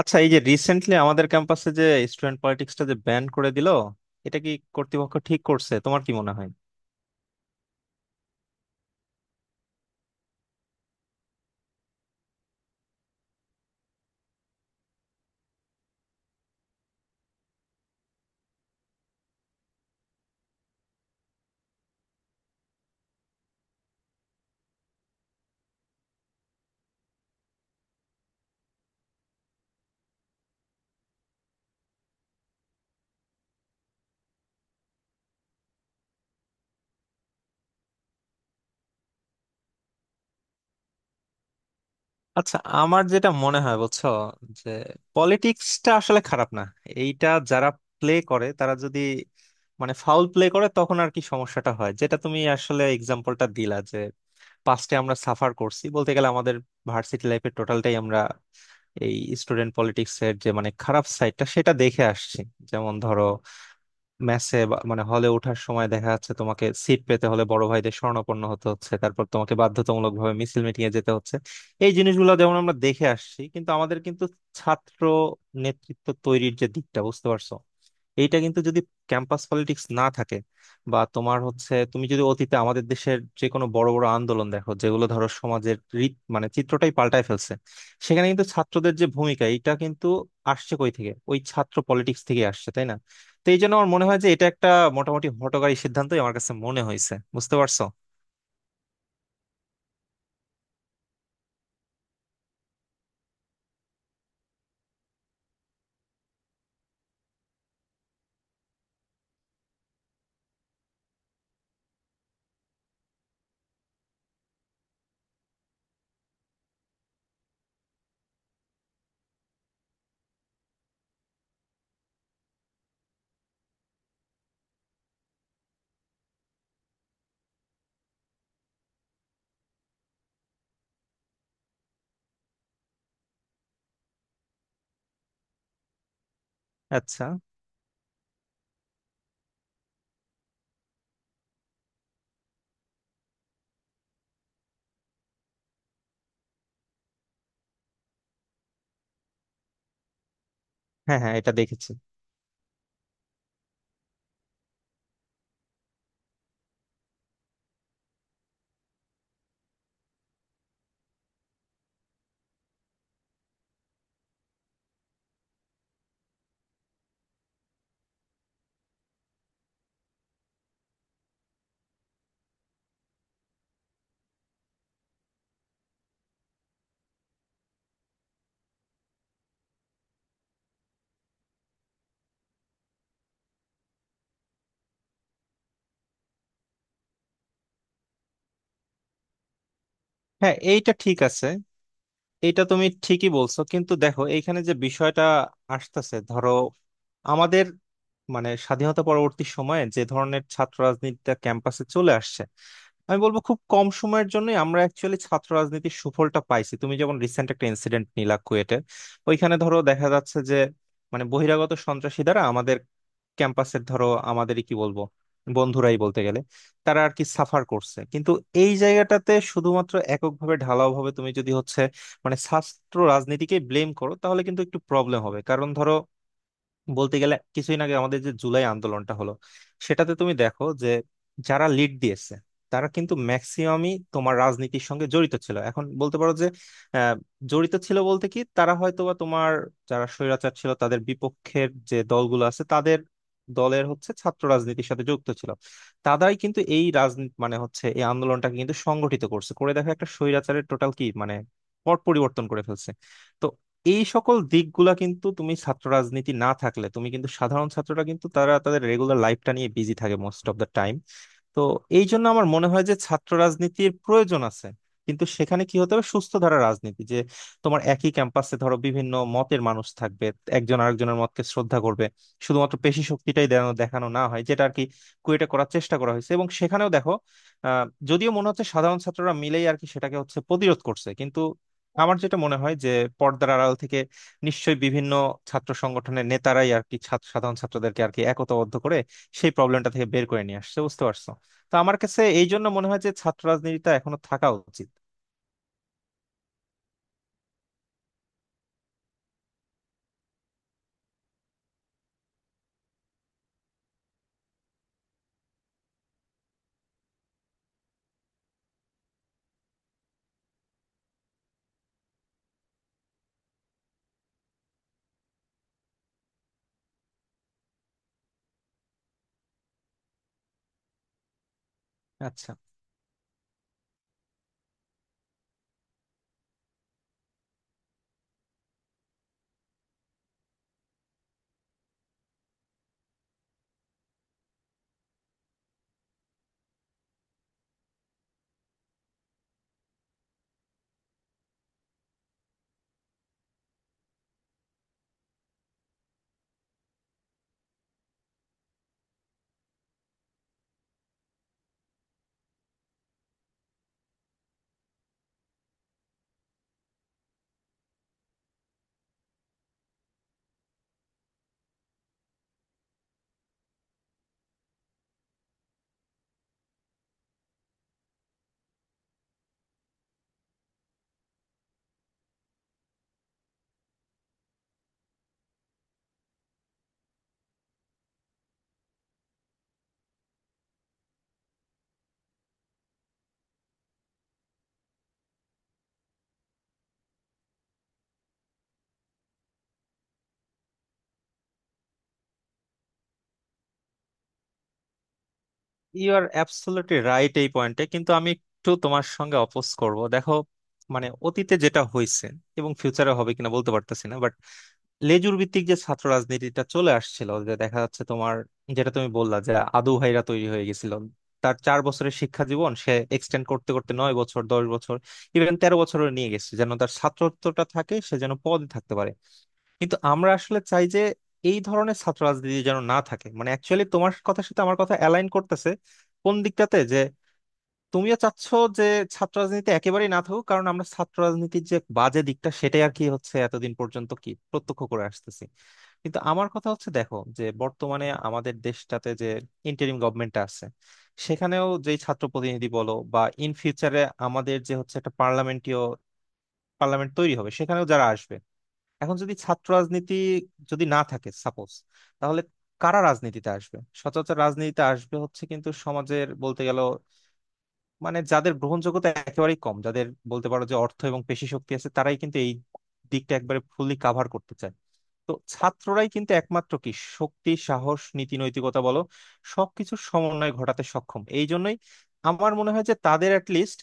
আচ্ছা, এই যে রিসেন্টলি আমাদের ক্যাম্পাসে যে স্টুডেন্ট পলিটিক্সটা যে ব্যান করে দিল, এটা কি কর্তৃপক্ষ ঠিক করছে, তোমার কি মনে হয়? আচ্ছা, আমার যেটা মনে হয় বুঝছো, যে পলিটিক্সটা আসলে খারাপ না। এইটা যারা প্লে করে তারা যদি মানে ফাউল প্লে করে, তখন আর কি সমস্যাটা হয়। যেটা তুমি আসলে এক্সাম্পলটা দিলা যে পাস্টে আমরা সাফার করছি, বলতে গেলে আমাদের ভার্সিটি লাইফের টোটালটাই আমরা এই স্টুডেন্ট পলিটিক্স এর যে মানে খারাপ সাইডটা সেটা দেখে আসছি। যেমন ধরো, ম্যাচে মানে হলে ওঠার সময় দেখা যাচ্ছে তোমাকে সিট পেতে হলে বড় ভাইদের শরণাপন্ন হতে হচ্ছে, তারপর তোমাকে বাধ্যতামূলক ভাবে মিছিল মিটিং এ যেতে হচ্ছে। এই জিনিসগুলো যেমন আমরা দেখে আসছি, কিন্তু আমাদের কিন্তু ছাত্র নেতৃত্ব তৈরির যে দিকটা বুঝতে পারছো, এইটা কিন্তু যদি ক্যাম্পাস পলিটিক্স না থাকে, বা তোমার হচ্ছে তুমি যদি অতীতে আমাদের দেশের যে কোনো বড় বড় আন্দোলন দেখো, যেগুলো ধরো সমাজের রীত মানে চিত্রটাই পাল্টায় ফেলছে, সেখানে কিন্তু ছাত্রদের যে ভূমিকা, এটা কিন্তু আসছে কই থেকে? ওই ছাত্র পলিটিক্স থেকে আসছে, তাই না? তো এই জন্য আমার মনে হয় যে এটা একটা মোটামুটি হঠকারী সিদ্ধান্তই আমার কাছে মনে হয়েছে, বুঝতে পারছো? আচ্ছা। হ্যাঁ, হ্যাঁ, এটা দেখেছি। হ্যাঁ, এইটা ঠিক আছে। এটা তুমি ঠিকই বলছো, কিন্তু দেখো এইখানে যে বিষয়টা আসতেছে, ধরো আমাদের মানে স্বাধীনতা পরবর্তী সময়ে যে ধরনের ছাত্র রাজনীতিটা ক্যাম্পাসে চলে আসছে, আমি বলবো খুব কম সময়ের জন্যই আমরা অ্যাকচুয়ালি ছাত্র রাজনীতির সুফলটা পাইছি। তুমি যেমন রিসেন্ট একটা ইনসিডেন্ট নিলা কুয়েটে, ওইখানে ধরো দেখা যাচ্ছে যে মানে বহিরাগত সন্ত্রাসী দ্বারা আমাদের ক্যাম্পাসের ধরো আমাদেরই কি বলবো, বন্ধুরাই বলতে গেলে, তারা আর কি সাফার করছে। কিন্তু এই জায়গাটাতে শুধুমাত্র এককভাবে ঢালাও ভাবে তুমি যদি হচ্ছে মানে শাস্ত্র রাজনীতিকে ব্লেম করো, তাহলে কিন্তু একটু প্রবলেম হবে। কারণ ধরো, বলতে গেলে কিছুদিন আগে আমাদের যে জুলাই আন্দোলনটা হলো, সেটাতে তুমি দেখো যে যারা লিড দিয়েছে, তারা কিন্তু ম্যাক্সিমামই তোমার রাজনীতির সঙ্গে জড়িত ছিল। এখন বলতে পারো যে আহ, জড়িত ছিল বলতে কি, তারা হয়তোবা তোমার যারা স্বৈরাচার ছিল তাদের বিপক্ষের যে দলগুলো আছে, তাদের দলের হচ্ছে ছাত্র রাজনীতির সাথে যুক্ত ছিল। তারাই কিন্তু এই রাজনীতি মানে হচ্ছে এই আন্দোলনটাকে কিন্তু সংগঠিত করছে, করে দেখো একটা স্বৈরাচারের টোটাল কি মানে পট পরিবর্তন করে ফেলছে। তো এই সকল দিকগুলা কিন্তু তুমি ছাত্র রাজনীতি না থাকলে তুমি কিন্তু সাধারণ ছাত্ররা কিন্তু তারা তাদের রেগুলার লাইফটা নিয়ে বিজি থাকে মোস্ট অফ দ্য টাইম। তো এই জন্য আমার মনে হয় যে ছাত্র রাজনীতির প্রয়োজন আছে। কিন্তু সেখানে কি হতে হবে, সুস্থ ধারা রাজনীতি, যে তোমার একই ক্যাম্পাসে ধরো বিভিন্ন মতের মানুষ থাকবে, একজন আরেকজনের মতকে শ্রদ্ধা করবে, শুধুমাত্র পেশি শক্তিটাই দেখানো দেখানো না হয়, যেটা আর কি কুয়েটা করার চেষ্টা করা হয়েছে। এবং সেখানেও দেখো, আহ, যদিও মনে হচ্ছে সাধারণ ছাত্ররা মিলেই আর কি সেটাকে হচ্ছে প্রতিরোধ করছে, কিন্তু আমার যেটা মনে হয় যে পর্দার আড়াল থেকে নিশ্চয়ই বিভিন্ন ছাত্র সংগঠনের নেতারাই আর কি সাধারণ ছাত্রদেরকে আর কি একতাবদ্ধ করে সেই প্রবলেমটা থেকে বের করে নিয়ে আসছে, বুঝতে পারছো? তো আমার কাছে এই জন্য মনে হয় যে ছাত্র রাজনীতিটা এখনো থাকা উচিত। আচ্ছা। ইউ আর অ্যাবসলিউটলি রাইট এই পয়েন্টে, কিন্তু আমি একটু তোমার সঙ্গে অপোজ করব, দেখো মানে অতীতে যেটা হয়েছে এবং ফিউচারে হবে কিনা বলতে পারতেছি না, বাট লেজুর ভিত্তিক যে ছাত্র রাজনীতিটা চলে আসছিল, যে দেখা যাচ্ছে তোমার, যেটা তুমি বললা যে আদু ভাইরা তৈরি হয়ে গেছিল, তার 4 বছরের শিক্ষা জীবন সে এক্সটেন্ড করতে করতে 9 বছর, 10 বছর, ইভেন 13 বছরও নিয়ে গেছে, যেন তার ছাত্রত্বটা থাকে, সে যেন পদে থাকতে পারে। কিন্তু আমরা আসলে চাই যে এই ধরনের ছাত্র রাজনীতি যেন না থাকে। মানে অ্যাকচুয়ালি তোমার কথার সাথে আমার কথা অ্যালাইন করতেছে কোন দিকটাতে, যে তুমিও চাচ্ছ যে ছাত্র রাজনীতি একেবারেই না থাকুক, কারণ আমরা ছাত্র রাজনীতির যে বাজে দিকটা সেটাই আর কি হচ্ছে এতদিন পর্যন্ত কি প্রত্যক্ষ করে আসতেছি। কিন্তু আমার কথা হচ্ছে, দেখো যে বর্তমানে আমাদের দেশটাতে যে ইন্টারিম গভর্নমেন্টটা আছে, সেখানেও যে ছাত্র প্রতিনিধি বলো বা ইন ফিউচারে আমাদের যে হচ্ছে একটা পার্লামেন্ট তৈরি হবে সেখানেও যারা আসবে, এখন যদি ছাত্র রাজনীতি যদি না থাকে সাপোজ, তাহলে কারা রাজনীতিতে আসবে? সচরাচর রাজনীতিতে আসবে হচ্ছে কিন্তু সমাজের বলতে গেল মানে যাদের গ্রহণযোগ্যতা একেবারেই কম, যাদের বলতে পারো যে অর্থ এবং পেশি শক্তি আছে, তারাই কিন্তু এই দিকটা একবারে ফুললি কাভার করতে চায়। তো ছাত্ররাই কিন্তু একমাত্র কি শক্তি, সাহস, নীতি, নৈতিকতা বলো, সবকিছুর সমন্বয় ঘটাতে সক্ষম। এই জন্যই আমার মনে হয় যে তাদের অ্যাট লিস্ট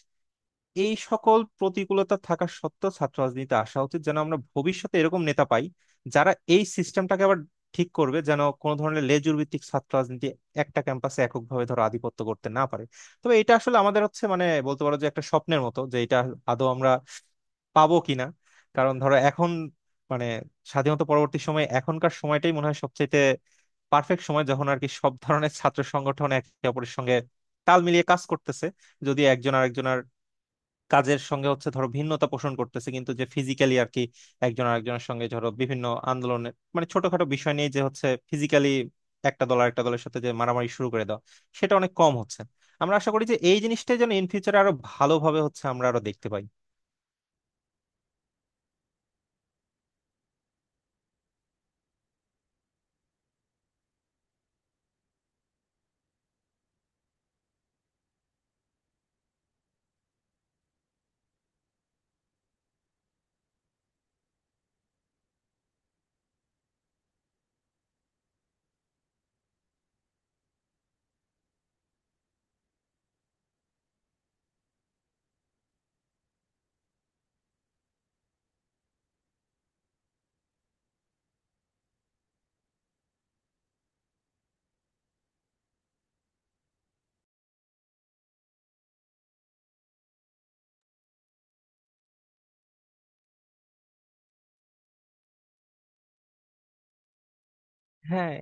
এই সকল প্রতিকূলতা থাকা সত্ত্বেও ছাত্র রাজনীতিতে আসা উচিত, যেন আমরা ভবিষ্যতে এরকম নেতা পাই, যারা এই সিস্টেমটাকে আবার ঠিক করবে, যেন কোনো ধরনের লেজুর ভিত্তিক ছাত্র রাজনীতি একটা ক্যাম্পাসে এককভাবে ধরো আধিপত্য করতে না পারে। তবে এটা আসলে আমাদের হচ্ছে মানে বলতে পারো যে একটা স্বপ্নের মতো, যে এটা আদৌ আমরা পাবো কিনা। কারণ ধরো এখন মানে স্বাধীনতা পরবর্তী সময়ে এখনকার সময়টাই মনে হয় সবচেয়ে পারফেক্ট সময়, যখন আর কি সব ধরনের ছাত্র সংগঠন একে অপরের সঙ্গে তাল মিলিয়ে কাজ করতেছে। যদি একজন আরেকজনের কাজের সঙ্গে হচ্ছে ধরো ভিন্নতা পোষণ করতেছে, কিন্তু যে ফিজিক্যালি আর কি একজন আরেকজনের সঙ্গে ধরো বিভিন্ন আন্দোলনের মানে ছোটখাটো বিষয় নিয়ে যে হচ্ছে ফিজিক্যালি একটা দল আর একটা দলের সাথে যে মারামারি শুরু করে দাও, সেটা অনেক কম হচ্ছে। আমরা আশা করি যে এই জিনিসটা যেন ইন ফিউচারে আরো ভালোভাবে হচ্ছে আমরা আরো দেখতে পাই। হ্যাঁ,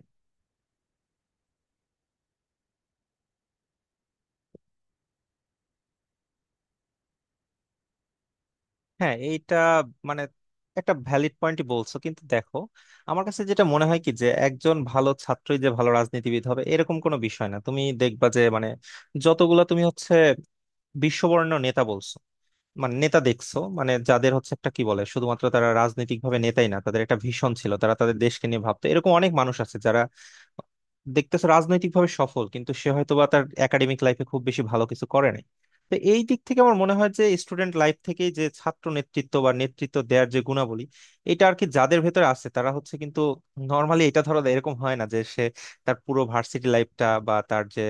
হ্যাঁ, এইটা মানে একটা ভ্যালিড পয়েন্টই বলছো, কিন্তু দেখো আমার কাছে যেটা মনে হয় কি, যে একজন ভালো ছাত্রই যে ভালো রাজনীতিবিদ হবে এরকম কোনো বিষয় না। তুমি দেখবা যে মানে যতগুলা তুমি হচ্ছে বিশ্ববরেণ্য নেতা বলছো, মানে নেতা দেখছো, মানে যাদের হচ্ছে একটা কি বলে, শুধুমাত্র তারা রাজনৈতিক ভাবে নেতাই না, তাদের একটা ভিশন ছিল, তারা তাদের দেশকে নিয়ে ভাবতো। এরকম অনেক মানুষ আছে যারা দেখতেছো রাজনৈতিক ভাবে সফল, কিন্তু সে হয়তো বা তার একাডেমিক লাইফে খুব বেশি ভালো কিছু করে নাই। তো এই দিক থেকে আমার মনে হয় যে স্টুডেন্ট লাইফ থেকে যে ছাত্র নেতৃত্ব বা নেতৃত্ব দেওয়ার যে গুণাবলী, এটা আর কি যাদের ভেতরে আছে তারা হচ্ছে কিন্তু নর্মালি এটা ধরো এরকম হয় না যে সে তার পুরো ভার্সিটি লাইফটা বা তার যে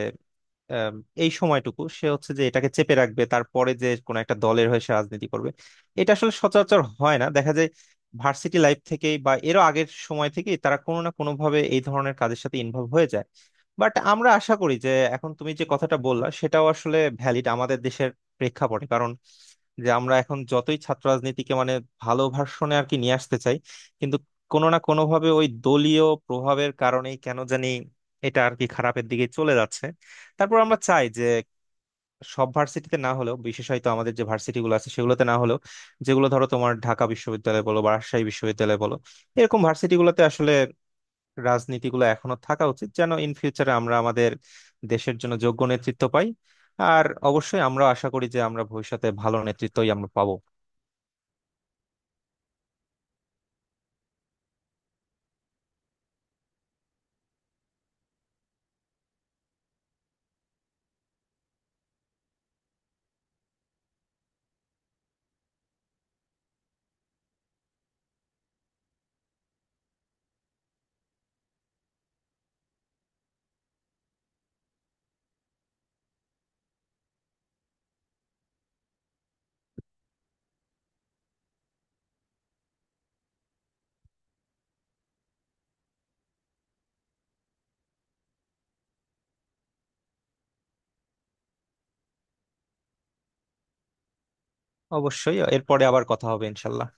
আম, এই সময়টুকু সে হচ্ছে যে এটাকে চেপে রাখবে, তারপরে যে কোনো একটা দলের হয়ে সে রাজনীতি করবে। এটা আসলে সচরাচর হয় না, দেখা যায় ভার্সিটি লাইফ থেকেই বা এরও আগের সময় থেকেই তারা কোনো না কোনো ভাবে এই ধরনের কাজের সাথে ইনভলভ হয়ে যায়। বাট আমরা আশা করি যে এখন তুমি যে কথাটা বললা সেটাও আসলে ভ্যালিড আমাদের দেশের প্রেক্ষাপটে। কারণ যে আমরা এখন যতই ছাত্র রাজনীতিকে মানে ভালো ভার্সনে আর কি নিয়ে আসতে চাই, কিন্তু কোনো না কোনো ভাবে ওই দলীয় প্রভাবের কারণেই কেন জানি এটা আর কি খারাপের দিকে চলে যাচ্ছে। তারপর আমরা চাই যে সব ভার্সিটিতে না হলেও বিশেষত আমাদের যে ভার্সিটি গুলো আছে সেগুলোতে না হলেও, যেগুলো ধরো তোমার ঢাকা বিশ্ববিদ্যালয় বলো বা রাজশাহী বিশ্ববিদ্যালয় বলো, এরকম ভার্সিটি গুলোতে আসলে রাজনীতিগুলো এখনো থাকা উচিত, যেন ইন ফিউচারে আমরা আমাদের দেশের জন্য যোগ্য নেতৃত্ব পাই। আর অবশ্যই আমরা আশা করি যে আমরা ভবিষ্যতে ভালো নেতৃত্বই আমরা পাবো। অবশ্যই, এরপরে আবার কথা হবে, ইনশাল্লাহ।